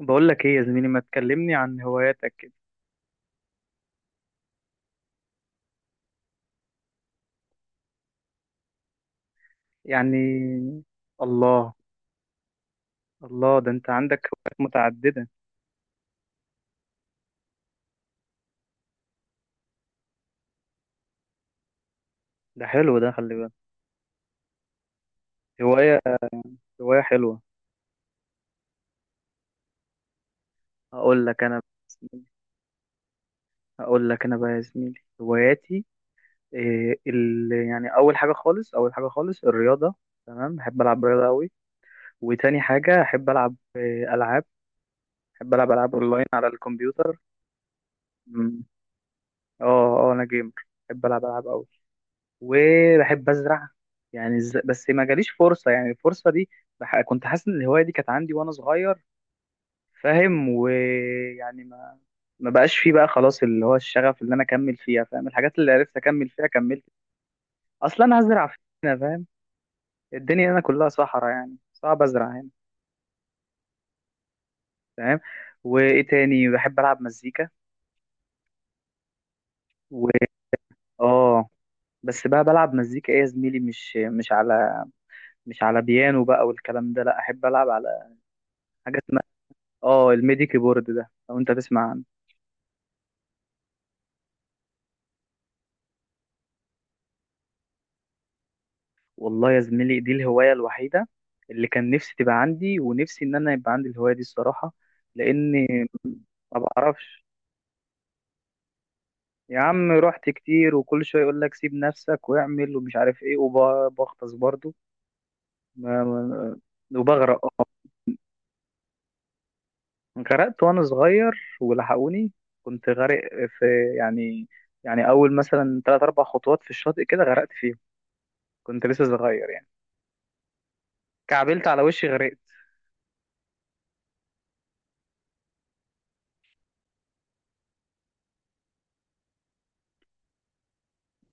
بقول لك ايه يا زميلي، ما تكلمني عن هواياتك كده. يعني. الله. الله، ده انت عندك هوايات متعددة. ده حلو، ده خلي بالك. هواية هواية حلوة. هقول لك انا بقى يا زميلي، هواياتي. يعني اول حاجة خالص الرياضة. تمام، بحب العب رياضة قوي. وتاني حاجة احب العب العاب. بحب العب العاب اونلاين على الكمبيوتر. مم. اه. اه انا جيمر. بحب العب العاب قوي. وبحب ازرع. يعني بس ما جاليش فرصه. يعني الفرصه دي، كنت حاسس ان الهوايه دي كانت عندي وانا صغير. فاهم؟ ويعني ما بقاش فيه بقى خلاص اللي هو الشغف اللي انا اكمل فيها. فاهم؟ الحاجات اللي عرفت اكمل فيها كملت. اصلا انا هزرع هنا. فاهم؟ الدنيا هنا كلها صحراء، يعني صعب ازرع هنا. فاهم؟ وايه تاني؟ بحب العب مزيكا، و اه بس بقى بلعب مزيكا ايه يا زميلي، مش على بيانو بقى والكلام ده. لا، احب العب على حاجات. اه الميدي كيبورد ده لو انت تسمع عنه. والله يا زميلي، دي الهواية الوحيدة اللي كان نفسي تبقى عندي، ونفسي ان انا يبقى عندي الهواية دي الصراحة، لاني ما بعرفش. يا عم، رحت كتير وكل شوية يقول لك سيب نفسك واعمل ومش عارف ايه، وبغطس برضو. ما- ما- وبغرق، اه. غرقت وانا صغير ولحقوني. كنت غارق في، يعني، يعني اول مثلا تلات اربع خطوات في الشاطئ كده غرقت فيهم. كنت لسه صغير يعني. كعبلت على وشي غرقت.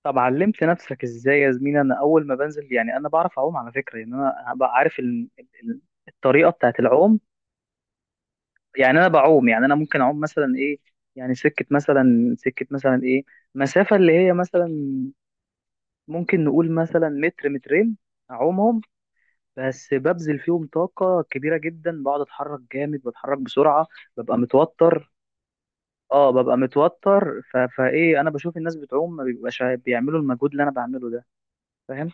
طب علمت نفسك ازاي يا زميلي؟ انا اول ما بنزل يعني انا بعرف اعوم على فكره، يعني انا هبقى عارف ال- الطريقه بتاعت العوم. يعني انا بعوم، يعني انا ممكن اعوم مثلا ايه، يعني سكه مثلا ايه، مسافه اللي هي مثلا ممكن نقول مثلا متر مترين اعومهم. بس ببذل فيهم طاقه كبيره جدا، بقعد اتحرك جامد، بتحرك بسرعه. ببقى متوتر. اه، ببقى متوتر. فايه، انا بشوف الناس بتعوم ما بيبقاش بيعملوا المجهود اللي انا بعمله ده. فاهم؟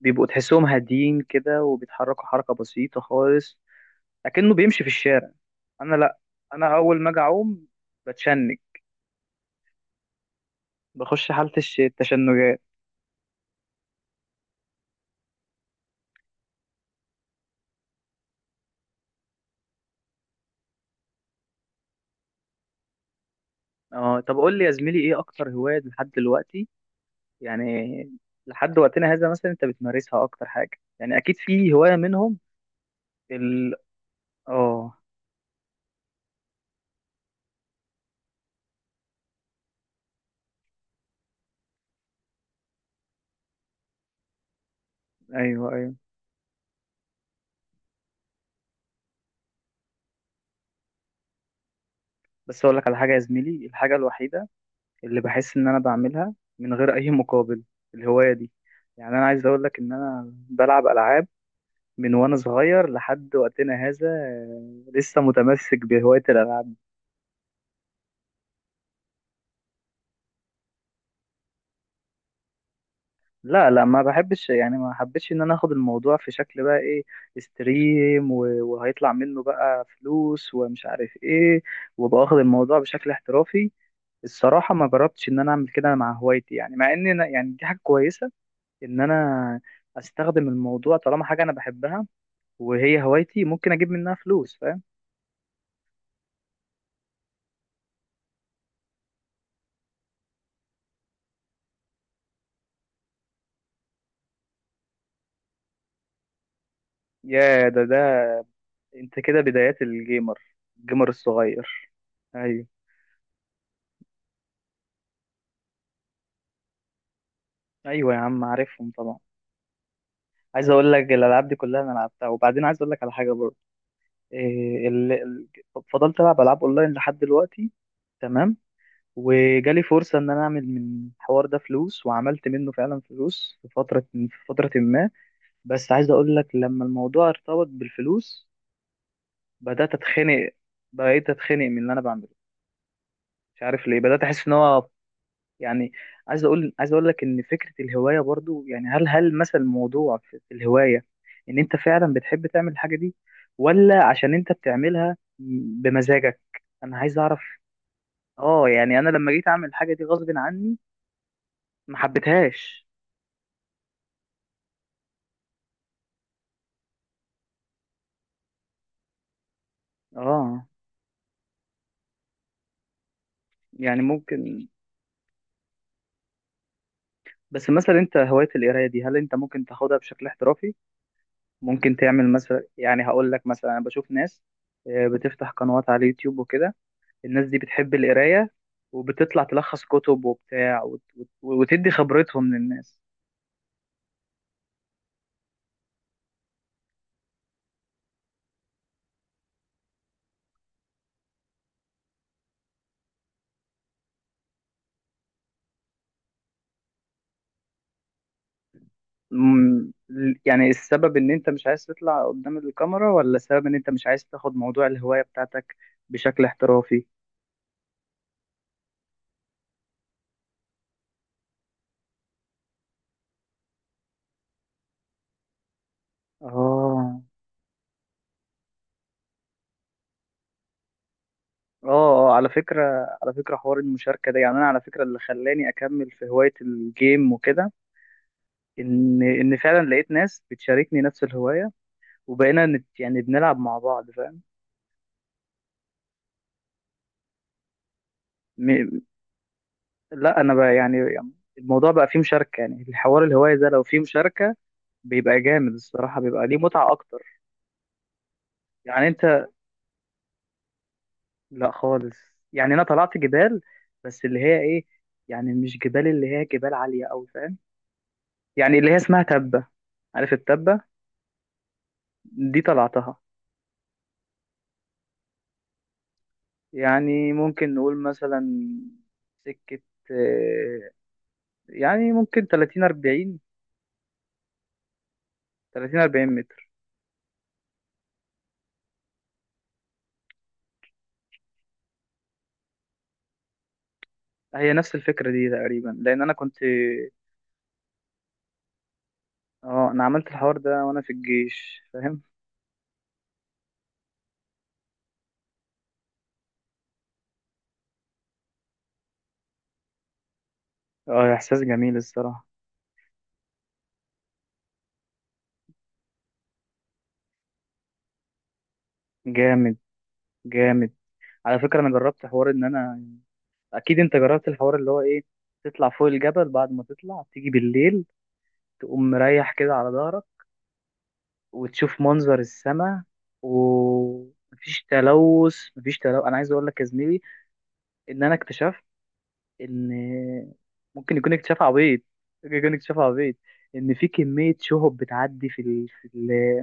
بيبقوا تحسهم هاديين كده وبيتحركوا حركة بسيطة خالص، لكنه بيمشي في الشارع. أنا لأ. أنا أول ما أجي أعوم بتشنج. بخش حالة التشنجات. اه، طب قول لي يا زميلي، إيه أكتر هواية لحد دلوقتي؟ يعني لحد وقتنا هذا مثلا أنت بتمارسها أكتر حاجة، يعني أكيد في هواية منهم. ال اه أيوه، أيوه. بس أقول لك على حاجة يا زميلي، الحاجة الوحيدة اللي بحس إن أنا بعملها من غير أي مقابل، الهواية دي. يعني أنا عايز أقول لك إن أنا بلعب ألعاب من وانا صغير لحد وقتنا هذا. لسه متمسك بهواية الالعاب. لا، لا، ما بحبش. يعني ما حبيتش ان انا اخد الموضوع في شكل بقى ايه، استريم، وهيطلع منه بقى فلوس ومش عارف ايه، وباخد الموضوع بشكل احترافي. الصراحة ما جربتش إن أنا أعمل كده مع هوايتي. يعني مع إن أنا، يعني دي حاجة كويسة، إن أنا أستخدم الموضوع طالما حاجة أنا بحبها وهي هوايتي ممكن أجيب منها فلوس. فاهم؟ يا ده، انت كده بدايات الجيمر الصغير. ايوه. ايوه يا عم، عارفهم طبعا. عايز اقول لك الالعاب دي كلها انا لعبتها، وبعدين عايز اقول لك على حاجه برضه. إيه ال... ال- فضلت العب العاب اونلاين لحد دلوقتي. تمام. وجالي فرصه ان انا اعمل من الحوار ده فلوس، وعملت منه فعلا فلوس في فتره ما. بس عايز اقول لك لما الموضوع ارتبط بالفلوس بدات اتخنق. بقيت اتخنق من اللي انا بعمله. مش عارف ليه بدات احس ان هو يعني. عايز اقول لك ان فكره الهوايه برضو، يعني هل مثلا الموضوع في الهوايه ان انت فعلا بتحب تعمل الحاجه دي، ولا عشان انت بتعملها بمزاجك؟ انا عايز اعرف. اه، يعني انا لما جيت اعمل الحاجه دي غصب عني ما حبيتهاش. اه، يعني ممكن. بس مثلا انت، هوايه القرايه دي، هل انت ممكن تاخدها بشكل احترافي؟ ممكن تعمل مثلا، يعني هقول لك مثلا، انا بشوف ناس بتفتح قنوات على اليوتيوب وكده. الناس دي بتحب القراية وبتطلع تلخص كتب وبتاع، وتدي خبرتهم للناس. مم، يعني السبب ان انت مش عايز تطلع قدام الكاميرا، ولا السبب ان انت مش عايز تاخد موضوع الهواية بتاعتك بشكل احترافي؟ اه، اه، على فكرة حوار المشاركة ده، يعني انا على فكرة اللي خلاني اكمل في هواية الجيم وكده ان فعلا لقيت ناس بتشاركني نفس الهواية، وبقينا يعني بنلعب مع بعض. فاهم؟ م- لا، انا بقى يعني الموضوع بقى فيه مشاركه، يعني الحوار الهوايه ده لو فيه مشاركه بيبقى جامد الصراحه، بيبقى ليه متعه اكتر. يعني انت؟ لا خالص. يعني انا طلعت جبال، بس اللي هي ايه، يعني مش جبال اللي هي جبال عاليه قوي. فاهم؟ يعني اللي هي اسمها تبه. عارف التبه؟ دي طلعتها. يعني ممكن نقول مثلا سكه، آه، يعني ممكن 30 40 متر. هي نفس الفكره دي تقريبا لان انا كنت، اه، انا عملت الحوار ده وانا في الجيش. فاهم؟ اه، احساس جميل الصراحه. جامد، جامد. على فكره، انا جربت حوار ان انا، اكيد انت جربت الحوار اللي هو ايه، تطلع فوق الجبل، بعد ما تطلع تيجي بالليل تقوم مريح كده على ظهرك وتشوف منظر السماء، ومفيش تلوث. مفيش تلوث. انا عايز اقول لك يا زميلي ان انا اكتشفت ان، ممكن يكون اكتشاف عبيط، ممكن يكون اكتشاف عبيط، ان في كميه شهب بتعدي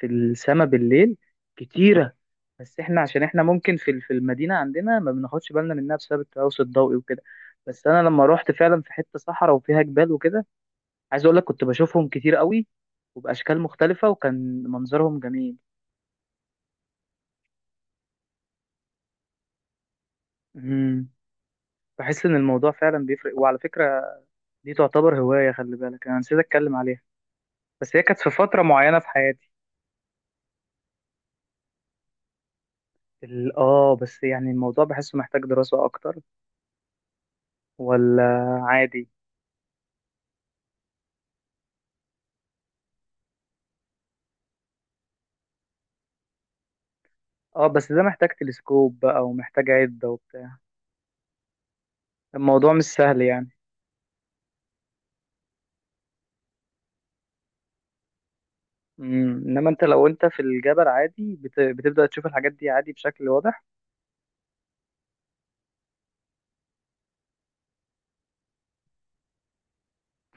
في السما بالليل، كتيرة. بس احنا عشان احنا ممكن في المدينة عندنا ما بناخدش بالنا منها بسبب التلوث الضوئي وكده. بس انا لما روحت فعلا في حتة صحراء وفيها جبال وكده، عايز اقول لك كنت بشوفهم كتير قوي وبأشكال مختلفة وكان منظرهم جميل. امم بحس ان الموضوع فعلا بيفرق. وعلى فكرة، دي تعتبر هواية، خلي بالك انا نسيت اتكلم عليها، بس هي كانت في فترة معينة في حياتي. بس يعني الموضوع بحسه محتاج دراسة اكتر، ولا عادي؟ اه، بس ده محتاج تلسكوب بقى ومحتاج عدة وبتاع. الموضوع مش سهل يعني. انما لو انت في الجبل، عادي بتبدأ تشوف الحاجات دي عادي بشكل واضح.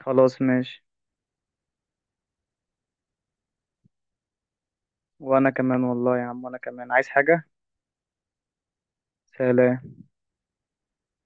خلاص، ماشي. وانا كمان، والله يا عم، وانا كمان عايز حاجة. سلام.